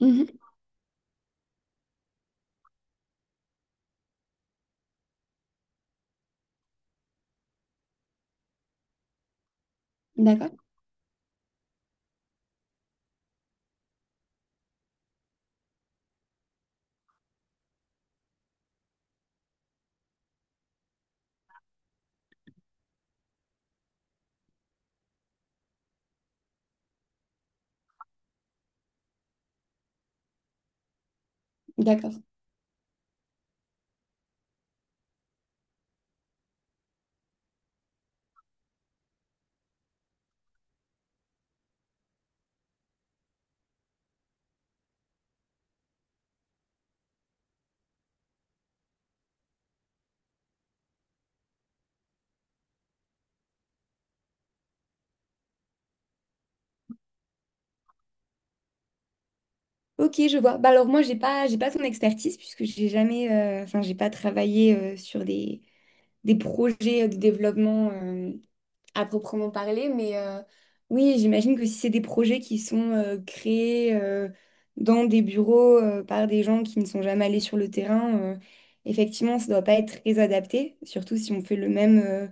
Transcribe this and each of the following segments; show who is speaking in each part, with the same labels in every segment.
Speaker 1: Mhm. D'accord, d'accord. Ok, je vois. Bah alors moi, j'ai pas ton expertise puisque j'ai jamais, enfin, j'ai pas travaillé sur des projets de développement à proprement parler, mais oui, j'imagine que si c'est des projets qui sont créés dans des bureaux par des gens qui ne sont jamais allés sur le terrain, effectivement, ça ne doit pas être très adapté, surtout si on fait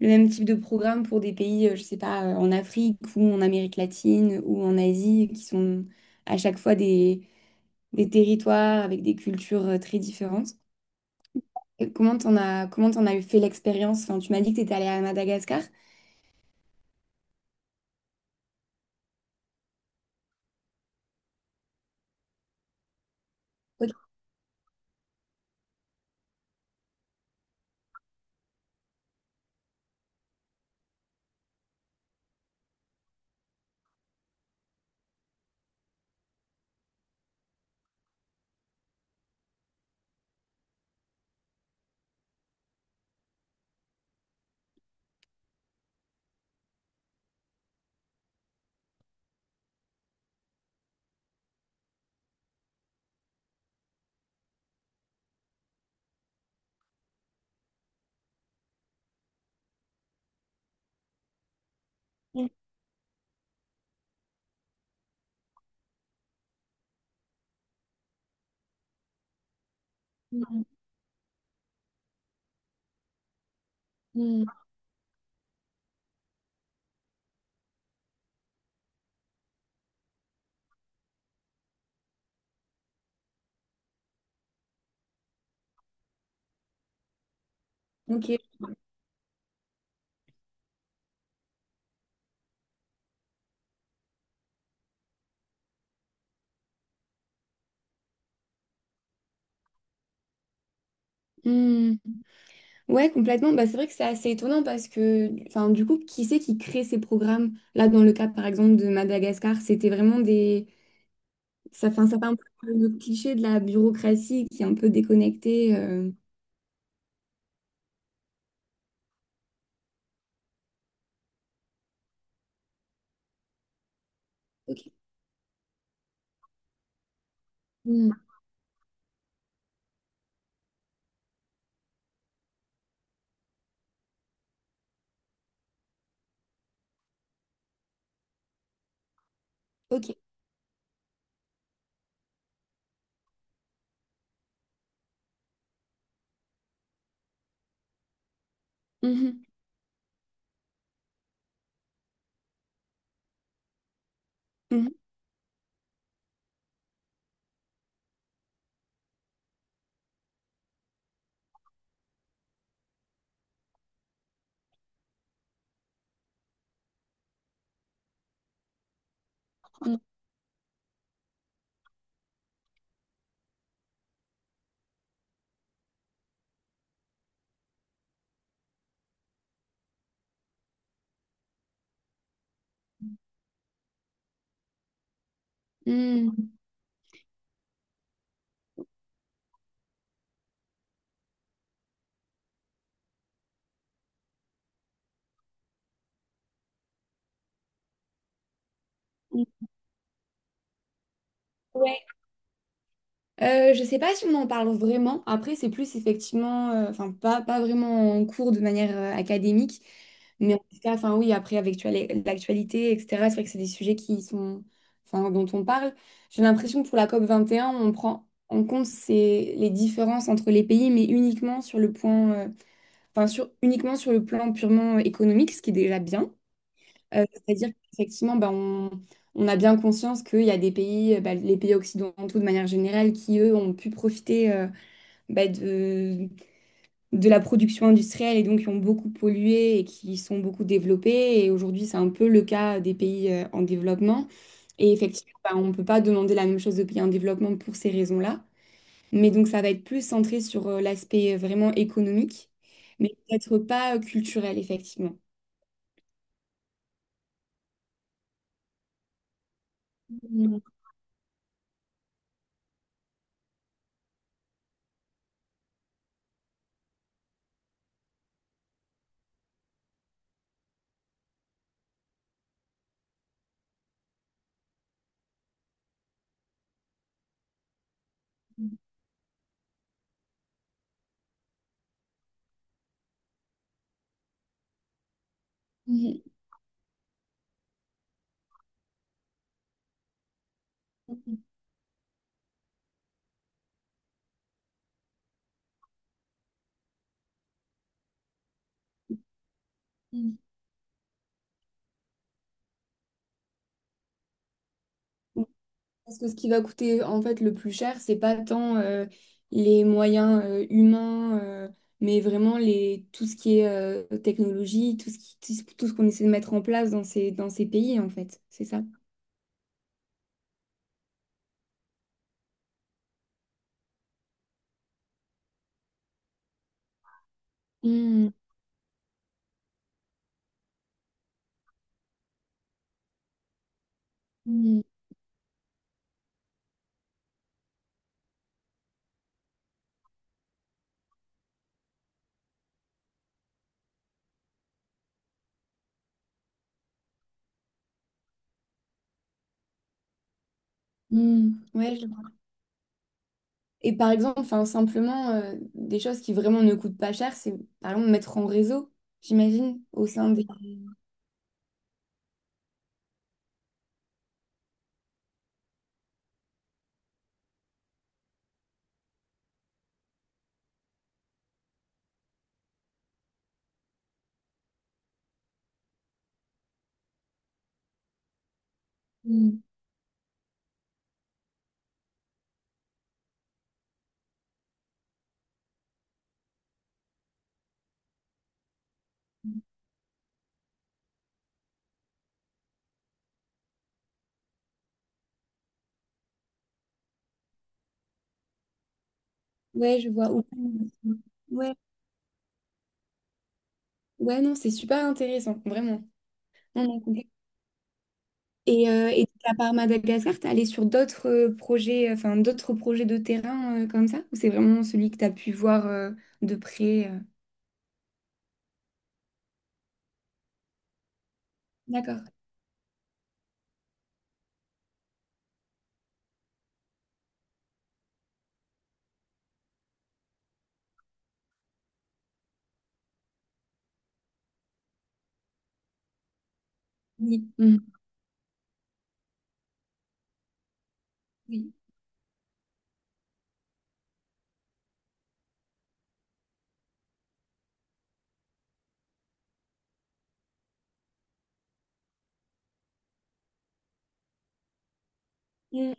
Speaker 1: le même type de programme pour des pays, je sais pas, en Afrique ou en Amérique latine ou en Asie, qui sont à chaque fois des territoires avec des cultures très différentes. Et comment t'en as eu fait l'expérience? Enfin, tu m'as dit que tu étais allée à Madagascar. Toi. Hmm. Ok. Hmm. Ouais, complètement. Bah, c'est vrai que c'est assez étonnant parce que, enfin, du coup, qui c'est qui crée ces programmes? Là, dans le cas, par exemple, de Madagascar, c'était vraiment des... Ça, enfin, ça fait un peu le cliché de la bureaucratie qui est un peu déconnectée. Ok. Hmm. Ok. Mhm. Mhm. Mhm. Hmm. Je sais pas si on en parle vraiment. Après, c'est plus effectivement, enfin pas, pas vraiment en cours de manière académique, mais en tout cas, enfin oui, après avec tu as les- l'actualité, etc. C'est vrai que c'est des sujets qui sont, enfin dont on parle. J'ai l'impression que pour la COP 21, on prend en compte ces, les différences entre les pays, mais uniquement sur le point, enfin sur uniquement sur le plan purement économique, ce qui est déjà bien. C'est-à-dire qu'effectivement, bah, on a bien conscience qu'il y a des pays, bah, les pays occidentaux de manière générale, qui, eux, ont pu profiter bah, de la production industrielle et donc qui ont beaucoup pollué et qui sont beaucoup développés. Et aujourd'hui, c'est un peu le cas des pays en développement. Et effectivement, bah, on ne peut pas demander la même chose aux pays en développement pour ces raisons-là. Mais donc, ça va être plus centré sur l'aspect vraiment économique, mais peut-être pas culturel, effectivement. Mhm. Mhm. Mhm. Parce que ce qui va coûter en fait le plus cher, c'est pas tant les moyens humains, mais vraiment les, tout ce qui est technologie, tout ce qui, tout ce qu'on essaie de mettre en place dans ces pays, en fait. C'est ça. Mm, mm, mm. Ouais, je vois. Et par exemple, enfin, simplement, des choses qui vraiment ne coûtent pas cher, c'est par exemple mettre en réseau, j'imagine, au sein des... Mm. Ouais, je vois. Ou- Ouais, ouais, non, c'est super intéressant, vraiment. Non, non. Et donc, à part Madagascar, t'es allé sur d'autres projets, enfin d'autres projets de terrain comme ça? Ou c'est vraiment celui que t'as pu voir de près? D'accord. Oui. Mm. Oui. Mm.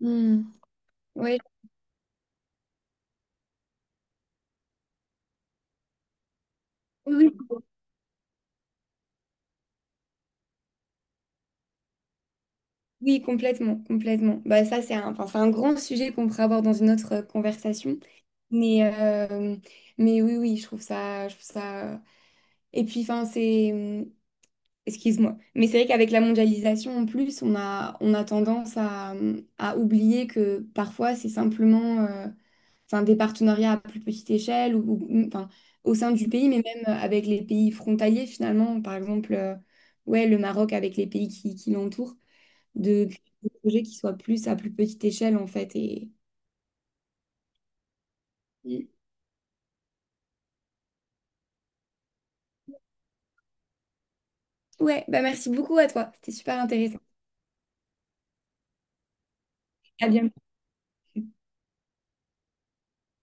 Speaker 1: Mm. Ouais. Oui, oui. Oui, complètement, complètement. Bah, ça, c'est un, enfin, c'est un grand sujet qu'on pourrait avoir dans une autre conversation. Mais, euh, mais oui, oui, je trouve ça, je trouve ça. Et puis, enfin, c'est, excuse-moi. Mais c'est vrai qu'avec la mondialisation, en plus, on a tendance à oublier que parfois, c'est simplement enfin, des partenariats à plus petite échelle ou- enfin, au sein du pays, mais même avec les pays frontaliers, finalement. Par exemple, ouais, le Maroc avec les pays qui l'entourent, de créer des projets qui soient plus à plus petite échelle, en fait. Et- Ouais, bah merci beaucoup à toi. C'était super intéressant. À bientôt.